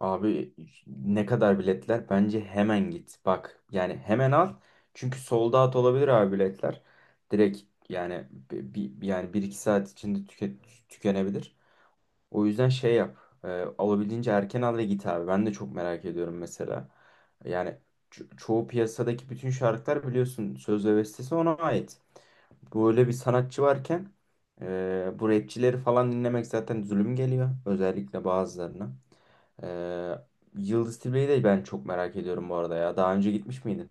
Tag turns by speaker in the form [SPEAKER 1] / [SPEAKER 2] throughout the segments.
[SPEAKER 1] Abi, ne kadar biletler? Bence hemen git. Bak, yani hemen al. Çünkü sold out olabilir abi biletler. Direkt yani bir, yani bir iki saat içinde tükenebilir. O yüzden şey yap. E, Alabildiğince erken al ve git abi. Ben de çok merak ediyorum mesela. Yani çoğu piyasadaki bütün şarkılar biliyorsun, söz ve bestesi ona ait. Böyle bir sanatçı varken bu rapçileri falan dinlemek zaten zulüm geliyor. Özellikle bazılarına. E, Yıldız Tilbe'yi de ben çok merak ediyorum bu arada ya. Daha önce gitmiş miydin?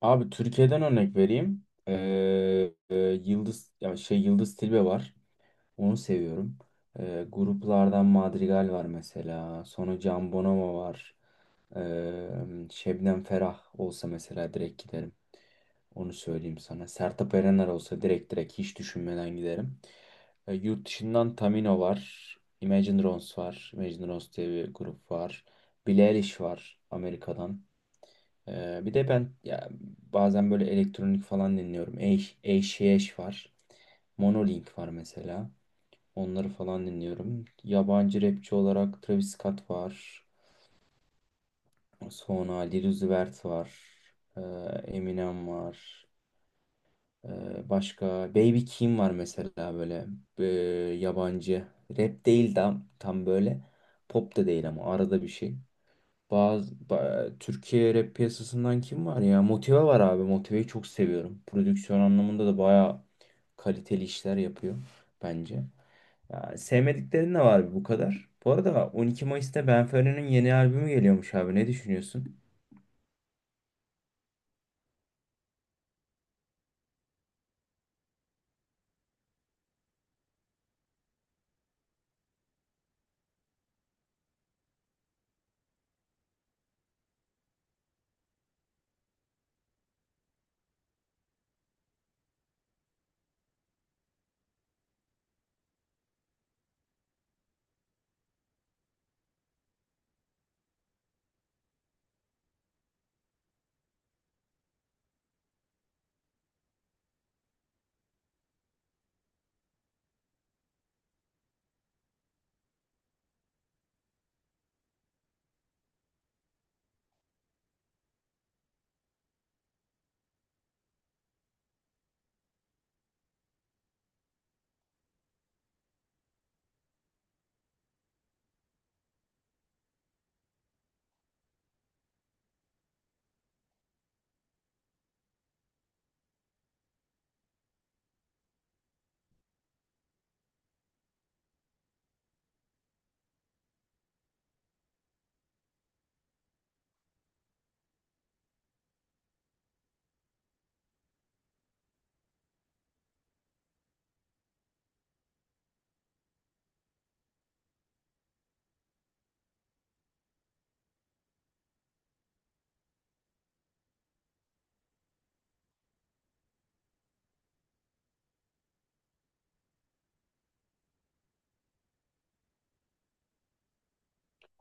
[SPEAKER 1] Abi, Türkiye'den örnek vereyim. E, Yıldız ya şey Yıldız Tilbe var. Onu seviyorum. Gruplardan Madrigal var mesela. Sonra Can Bonomo var. Şebnem Ferah olsa mesela direkt giderim. Onu söyleyeyim sana. Sertab Erener olsa direkt hiç düşünmeden giderim. Yurt dışından Tamino var. Imagine Dragons var. Imagine Dragons diye bir grup var. Billie Eilish var Amerika'dan. Bir de bazen böyle elektronik falan dinliyorum. Eyş Eyş var. Monolink var mesela. Onları falan dinliyorum. Yabancı rapçi olarak Travis Scott var. Sonra Lil Uzi Vert var. Ee, Eminem var. Başka Baby Keem var mesela, böyle ee, yabancı. Rap değil tam böyle. Pop da değil ama arada bir şey. Türkiye rap piyasasından kim var ya? Motive var abi. Motive'yi çok seviyorum. Prodüksiyon anlamında da bayağı kaliteli işler yapıyor bence. Ya, sevmediklerin de var bu kadar. Bu arada 12 Mayıs'ta Benfero'nun yeni albümü geliyormuş abi. Ne düşünüyorsun?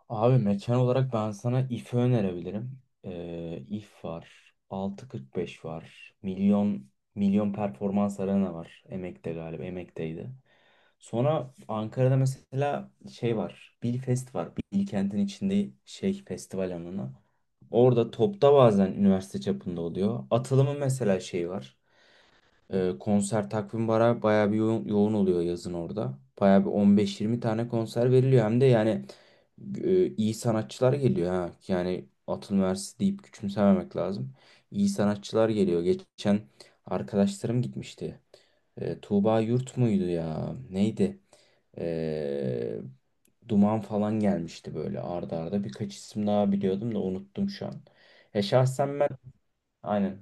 [SPEAKER 1] Abi, mekan olarak ben sana IF'i önerebilirim. IF var. 6.45 var. Milyon Performans Arena var. Emek'te galiba. Emek'teydi. Sonra Ankara'da mesela şey var. Bilfest var. Bilkent'in içinde şey festival alanı. Orada topta bazen üniversite çapında oluyor. Atılımın mesela şeyi var. Konser takvim bara bayağı bir yoğun oluyor yazın orada. Bayağı bir 15-20 tane konser veriliyor. Hem de yani iyi sanatçılar geliyor ha. Yani Atıl Üniversitesi deyip küçümsememek lazım. İyi sanatçılar geliyor. Geçen arkadaşlarım gitmişti. Tuğba Yurt muydu ya? Neydi? E, Duman falan gelmişti, böyle arda arda. Birkaç isim daha biliyordum da unuttum şu an. Şahsen ben aynen.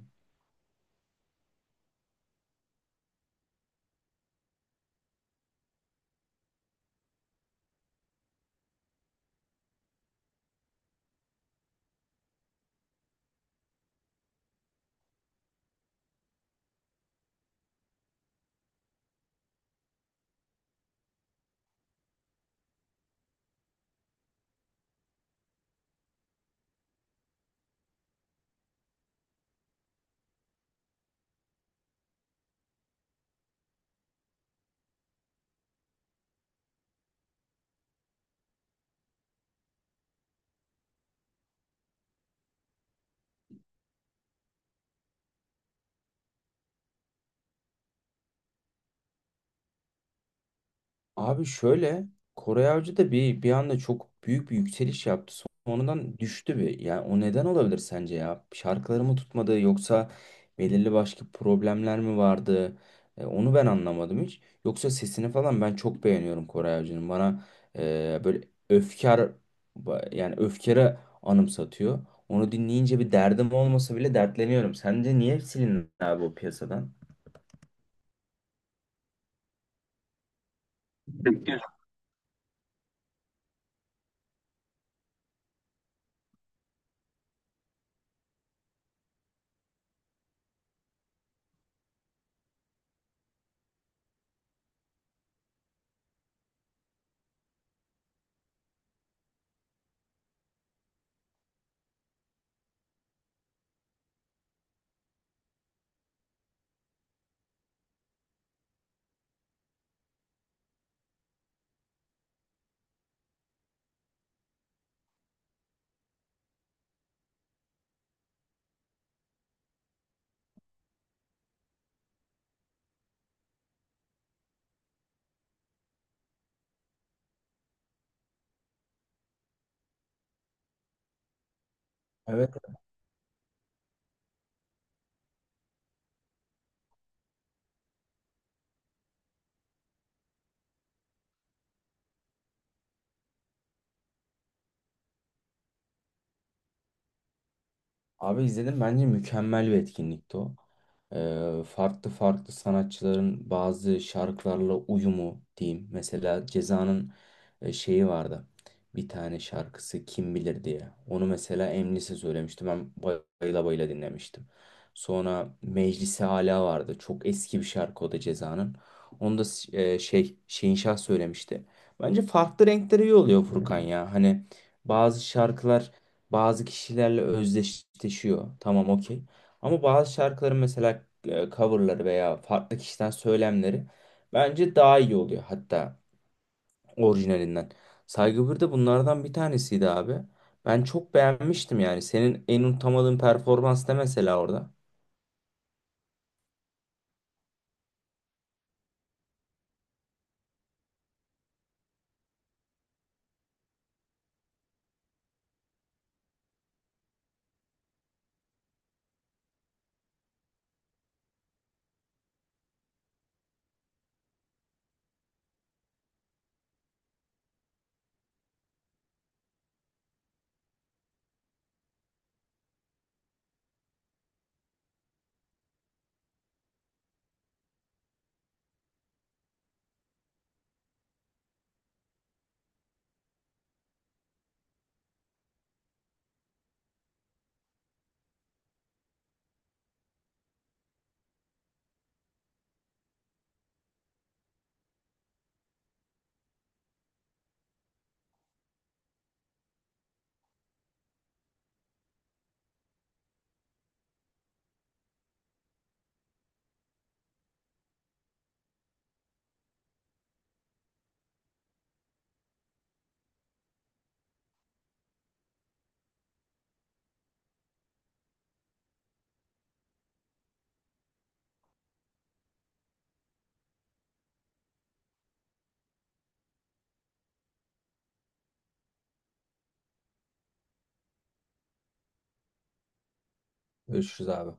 [SPEAKER 1] Abi şöyle, Koray Avcı da bir anda çok büyük bir yükseliş yaptı. Sonradan düştü bir. Yani o neden olabilir sence ya? Şarkıları mı tutmadı, yoksa belirli başka problemler mi vardı? Onu ben anlamadım hiç. Yoksa sesini falan ben çok beğeniyorum Koray Avcı'nın. Bana böyle öfkar yani öfkere anımsatıyor. Onu dinleyince bir derdim olmasa bile dertleniyorum. Sence niye silindi abi o piyasadan? Evet, abi izledim, bence mükemmel bir etkinlikti o. Farklı farklı sanatçıların bazı şarkılarla uyumu diyeyim. Mesela Ceza'nın şeyi vardı. Bir tane şarkısı Kim Bilir diye. Onu mesela Emlis'e söylemiştim. Ben bayıla bayıla dinlemiştim. Sonra Meclisi Ala vardı. Çok eski bir şarkı o da Ceza'nın. Onu da Şehinşah söylemişti. Bence farklı renkleri iyi oluyor Furkan ya. Hani bazı şarkılar bazı kişilerle özdeşleşiyor. Tamam, okey. Ama bazı şarkıların mesela coverları veya farklı kişiden söylemleri bence daha iyi oluyor, hatta orijinalinden. Saygı bir de bunlardan bir tanesiydi abi. Ben çok beğenmiştim yani. Senin en unutamadığın performans ne mesela orada? Görüşürüz abi.